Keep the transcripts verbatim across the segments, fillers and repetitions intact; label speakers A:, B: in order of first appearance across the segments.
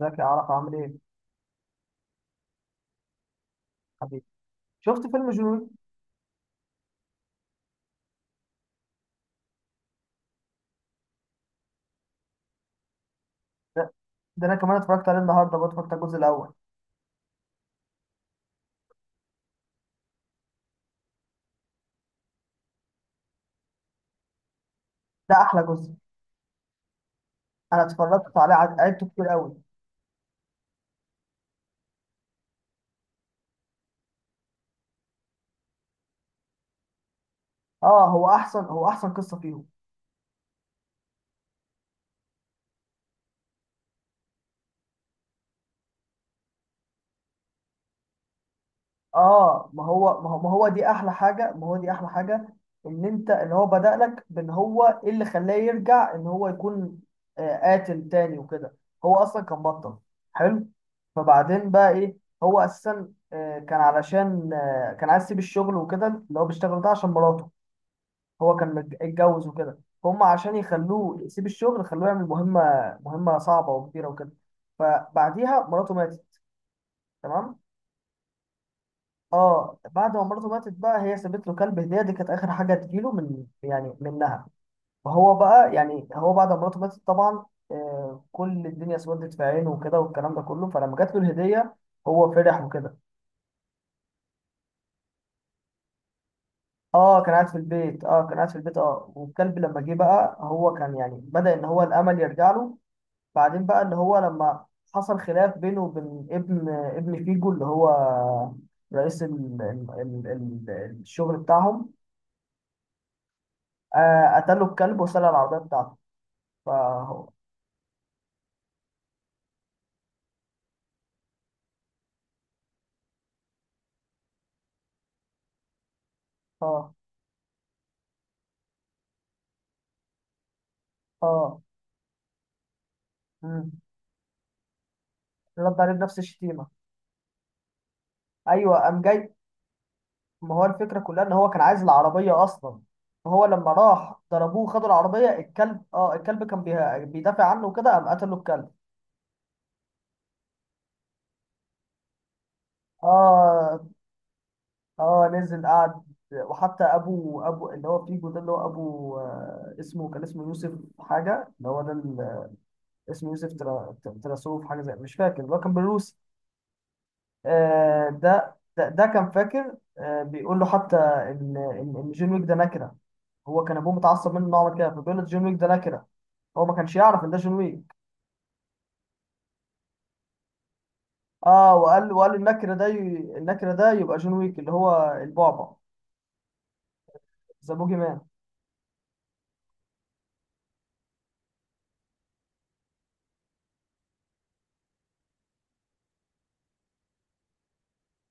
A: ازيك يا عرفة؟ عامل ايه حبيبي؟ شفت فيلم جنون؟ ده, ده انا كمان اتفرجت عليه النهارده، برضه اتفرجت على الجزء الاول. ده احلى جزء، انا اتفرجت عليه عد- عدته كتير قوي. اه هو احسن، هو احسن قصه فيهم. اه ما هو ما هو ما هو دي احلى حاجه، ما هو دي احلى حاجه، ان انت اللي هو بدأ لك بان هو ايه اللي خلاه يرجع، ان هو يكون آه قاتل تاني وكده. هو اصلا كان بطل حلو. فبعدين بقى ايه؟ هو اساسا آه كان علشان آه كان عايز يسيب الشغل وكده، اللي هو بيشتغل ده، عشان مراته. هو كان متج- اتجوز وكده. هم عشان يخلوه يسيب الشغل خلوه يعمل مهمة، مهمة صعبة وكبيرة وكده، فبعديها مراته ماتت. تمام. اه بعد ما مراته ماتت بقى، هي سابت له كلب هدية، دي كانت آخر حاجة تجيله من يعني منها. فهو بقى يعني هو بعد ما مراته ماتت طبعا آه كل الدنيا اسودت في عينه وكده والكلام ده كله، فلما جات له الهدية هو فرح وكده. اه كان قاعد في البيت، اه كان قاعد في البيت اه والكلب لما جه بقى هو كان يعني بدأ ان هو الامل يرجع له. بعدين بقى اللي هو لما حصل خلاف بينه وبين ابن ابن فيجو، اللي هو رئيس ال... ال... ال... ال... الشغل بتاعهم. آه قتله الكلب وسرق العربية بتاعته. فهو اه. اه. مم. رد عليه بنفس الشتيمة. ايوه قام جاي. ما هو الفكرة كلها ان هو كان عايز العربية اصلا، فهو لما راح ضربوه، خدوا العربية، الكلب اه الكلب كان بي... بيدافع عنه وكده، قام قتله الكلب. اه. اه. نزل قعد، وحتى ابو ابو اللي هو فيجو ده، اللي هو ابو، آه، اسمه كان اسمه يوسف حاجه، اللي هو ده ال- اسمه يوسف، ترا- تراسوف حاجه زي، مش فاكر، اللي هو كان بالروسي. آه، ده ده ده كان فاكر، آه، بيقول له حتى ان ان إن جون ويك ده نكره. هو كان ابوه متعصب منه نوع من كده، فبيقول له جون ويك ده نكره، هو ما كانش يعرف ان ده جون ويك. اه وقال وقال النكره ده ي- النكره ده يبقى جون ويك اللي هو البعبع، ذا بوجي مان.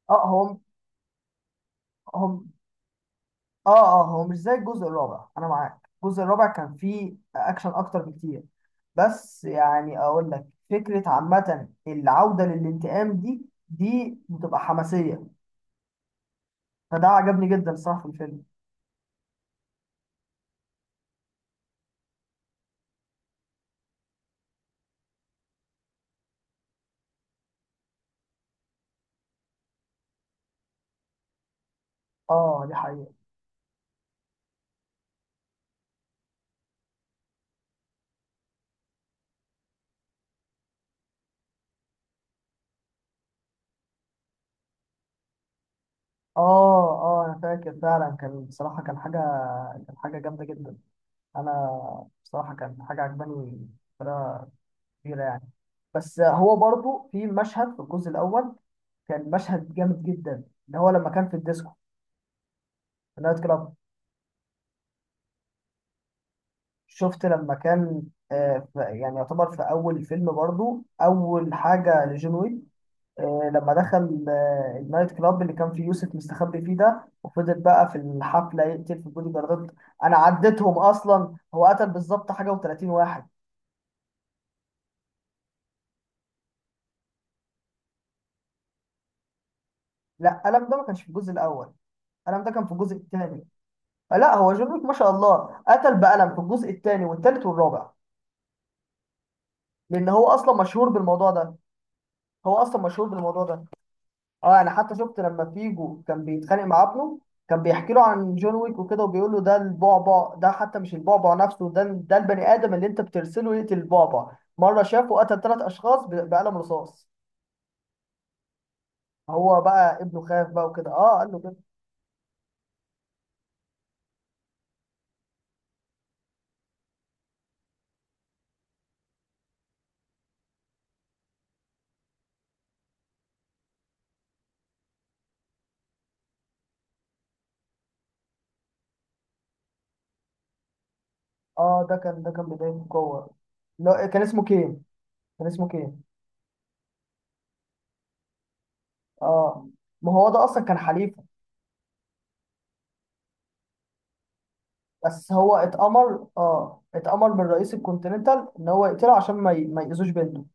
A: اه. هو هم. اه. اه هو مش زي الجزء الرابع، انا معاك، الجزء الرابع كان فيه اكشن اكتر بكتير، بس يعني اقول لك فكره عامه، العوده للانتقام دي دي بتبقى حماسيه، فده عجبني جدا الصراحه في الفيلم. اه دي حقيقه. اه اه انا فاكر فعلا، كان بصراحه كان حاجه، كان حاجه جامده جدا. انا بصراحه كان حاجه عجباني بطريقه كبيره يعني. بس هو برضو في مشهد في الجزء الاول كان مشهد جامد جدا، اللي هو لما كان في الديسكو، في النايت كلاب. شفت لما كان، آه، ف- يعني يعتبر في اول الفيلم برضو اول حاجه لجون ويك، آه، لما دخل آه، النايت كلاب اللي كان فيه يوسف مستخبي فيه ده، وفضل بقى في الحفله يقتل في البودي جاردات. انا عديتهم اصلا، هو قتل بالظبط حاجه وثلاثين واحد. لا قلم ده ما كانش في الجزء الاول، قلم ده كان في الجزء الثاني. لا هو جون ويك ما شاء الله قتل بقلم في الجزء الثاني والثالث والرابع، لان هو اصلا مشهور بالموضوع ده، هو اصلا مشهور بالموضوع ده اه انا حتى شفت لما فيجو كان بيتخانق مع ابنه، كان بيحكي له عن جون ويك وكده، وبيقول له ده البعبع، ده حتى مش البعبع نفسه، ده ده البني ادم اللي انت بترسله يقتل البعبع. مره شافه قتل ثلاث اشخاص ب- بقلم رصاص. هو بقى ابنه خاف بقى وكده، اه قال له كده. اه ده كان، ده كان بدايه القوه. لا كان اسمه كين، كان اسمه كين اه ما هو ده اصلا كان حليفه، بس هو اتأمر، اه اتأمر من رئيس الكونتيننتال ان هو يقتله عشان ما ي- ما يأذوش بنته.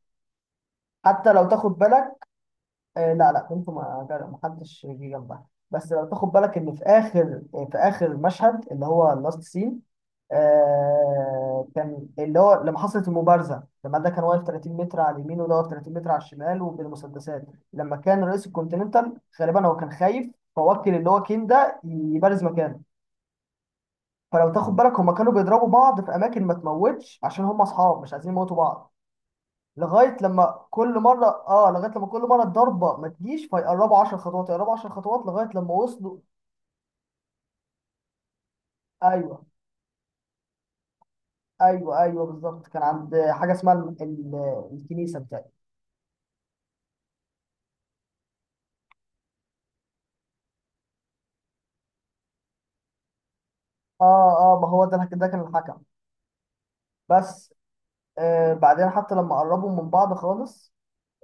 A: حتى لو تاخد بالك، آه، لا لا كنت ما جر- ما حدش جه جنبها، بس لو تاخد بالك ان في اخر، في اخر مشهد اللي هو اللاست سين. آه كان اللي هو لما حصلت المبارزه، لما ده كان واقف ثلاثين متر على اليمين، وده واقف ثلاثين متر على الشمال، وبالمسدسات. لما كان رئيس الكونتيننتال غالبا هو كان خايف، فوكل اللي هو كين ده يبارز مكانه. فلو تاخد بالك هما كانوا بيضربوا بعض في اماكن ما تموتش، عشان هما اصحاب مش عايزين يموتوا بعض. لغايه لما كل مره اه، لغايه لما كل مره الضربه ما تجيش، فيقربوا عشر خطوات، يقربوا عشر خطوات، لغايه لما وصلوا. ايوه ايوه ايوه بالظبط كان عند حاجه اسمها ال- ال- الكنيسه بتاعي. اه. اه ما هو ده ده كان الحكم بس. آه بعدين حتى لما قربوا من بعض خالص،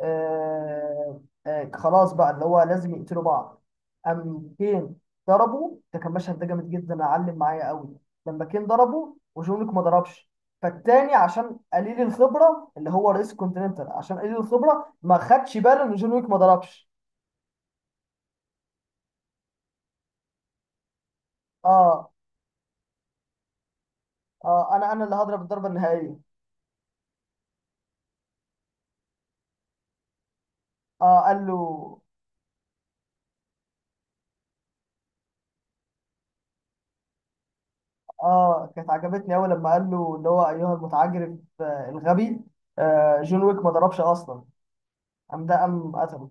A: آه آه خلاص بقى اللي هو لازم يقتلوا بعض، قام كين ضربه، ده كان مشهد، ده جامد جدا علم معايا قوي، لما كين ضربه وجونك ما ضربش، فالتاني عشان قليل الخبره اللي هو رئيس الكونتيننتال، عشان قليل الخبره ما خدش باله ان جون ويك ما ضربش. اه. اه انا انا اللي هضرب الضربه النهائيه. اه قال له. اه كانت عجبتني قوي لما قال له اللي هو ايها المتعجرف، آه الغبي، آه جون ويك ما ضربش اصلا، قام ده قام قتله.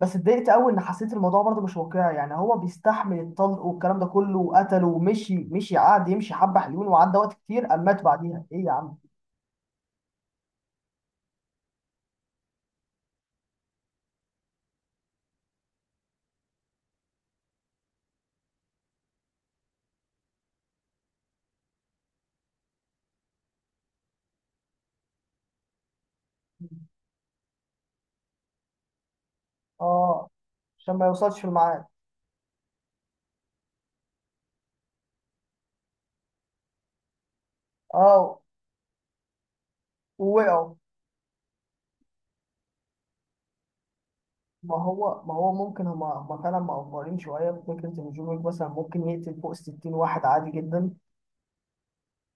A: بس اتضايقت قوي ان حسيت الموضوع برضه مش واقعي، يعني هو بيستحمل الطلق والكلام ده كله وقتله، ومشي مشي، قعد يمشي حبه حلوين، وعدى وقت كتير اما مات بعديها، ايه يا عم. اه عشان ما يوصلش في الميعاد. اه ووقعوا. ما هو ما هو ممكن هما هما فعلا مقفرين شويه في فكره ان جون ويك مثلا ممكن يقتل فوق ستين واحد عادي جدا.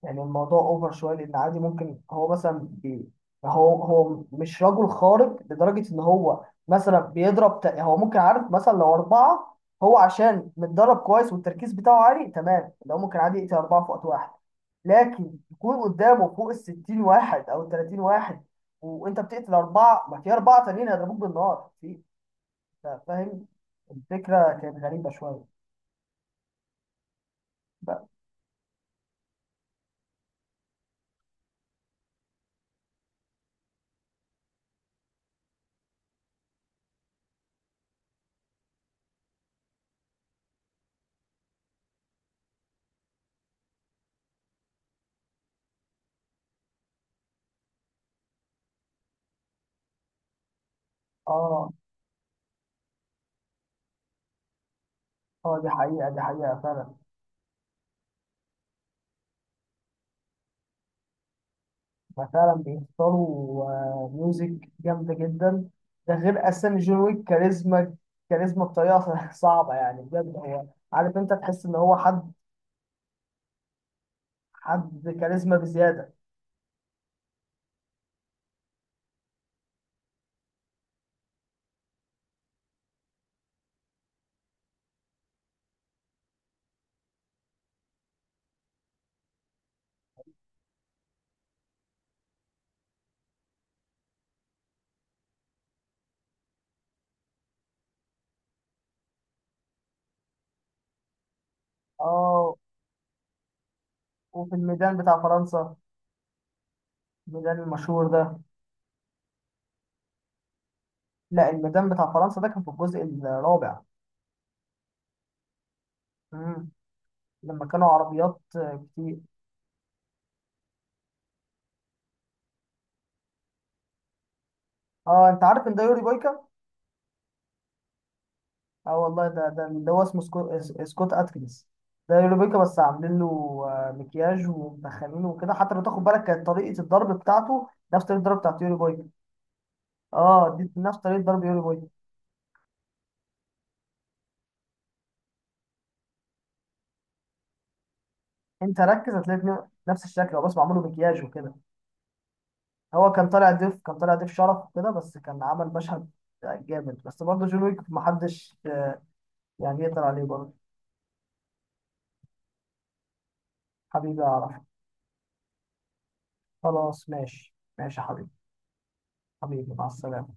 A: يعني الموضوع اوفر شويه، لان عادي ممكن هو مثلا بي هو هو مش رجل خارق لدرجه ان هو مثلا بيضرب ت... هو ممكن، عارف، مثلا لو اربعه، هو عشان متدرب كويس والتركيز بتاعه عالي تمام، لو ممكن عادي يقتل اربعه في وقت واحد. لكن يكون قدامه فوق ال ستين واحد او ثلاثين واحد، وانت بتقتل اربعه، ما في اربعه تانيين هيضربوك بالنار في، أنت فاهم؟ الفكره كانت غريبه شويه. ب- اه. اه دي حقيقه، دي حقيقه فعلا. فعلا بيختاروا آه، ميوزك جامدة جدا، ده غير أساسا جون ويك كاريزما، كاريزما بطريقة صعبة يعني بجد. هو عارف أنت تحس إن هو حد، حد كاريزما بزيادة. آه وفي الميدان بتاع فرنسا، الميدان المشهور ده. لا الميدان بتاع فرنسا ده كان في الجزء الرابع. مم. لما كانوا عربيات آه، كتير. آه أنت عارف إن ده يوري بويكا؟ اه والله ده ده اللي هو اسمه سكو... اس- سكوت اتكنز، ده يوريبيكا بس عاملين له آه، مكياج ومدخلينه وكده. حتى لو تاخد بالك كانت طريقه الضرب بتاعته نفس طريقه الضرب بتاعت يوريبيكا. اه دي نفس طريقه ضرب يوريبيكا. انت ركز هتلاقي اتنين نفس الشكل، هو بس معمول له مكياج وكده. هو كان طالع ضيف، كان طالع ضيف شرف وكده، بس كان عمل مشهد آه، جامد، بس برضه جون ويك محدش آه، يعني يقدر عليه برضه. حبيبي اعرف. خلاص ماشي ماشي يا حبيبي. حبيبي مع السلامه.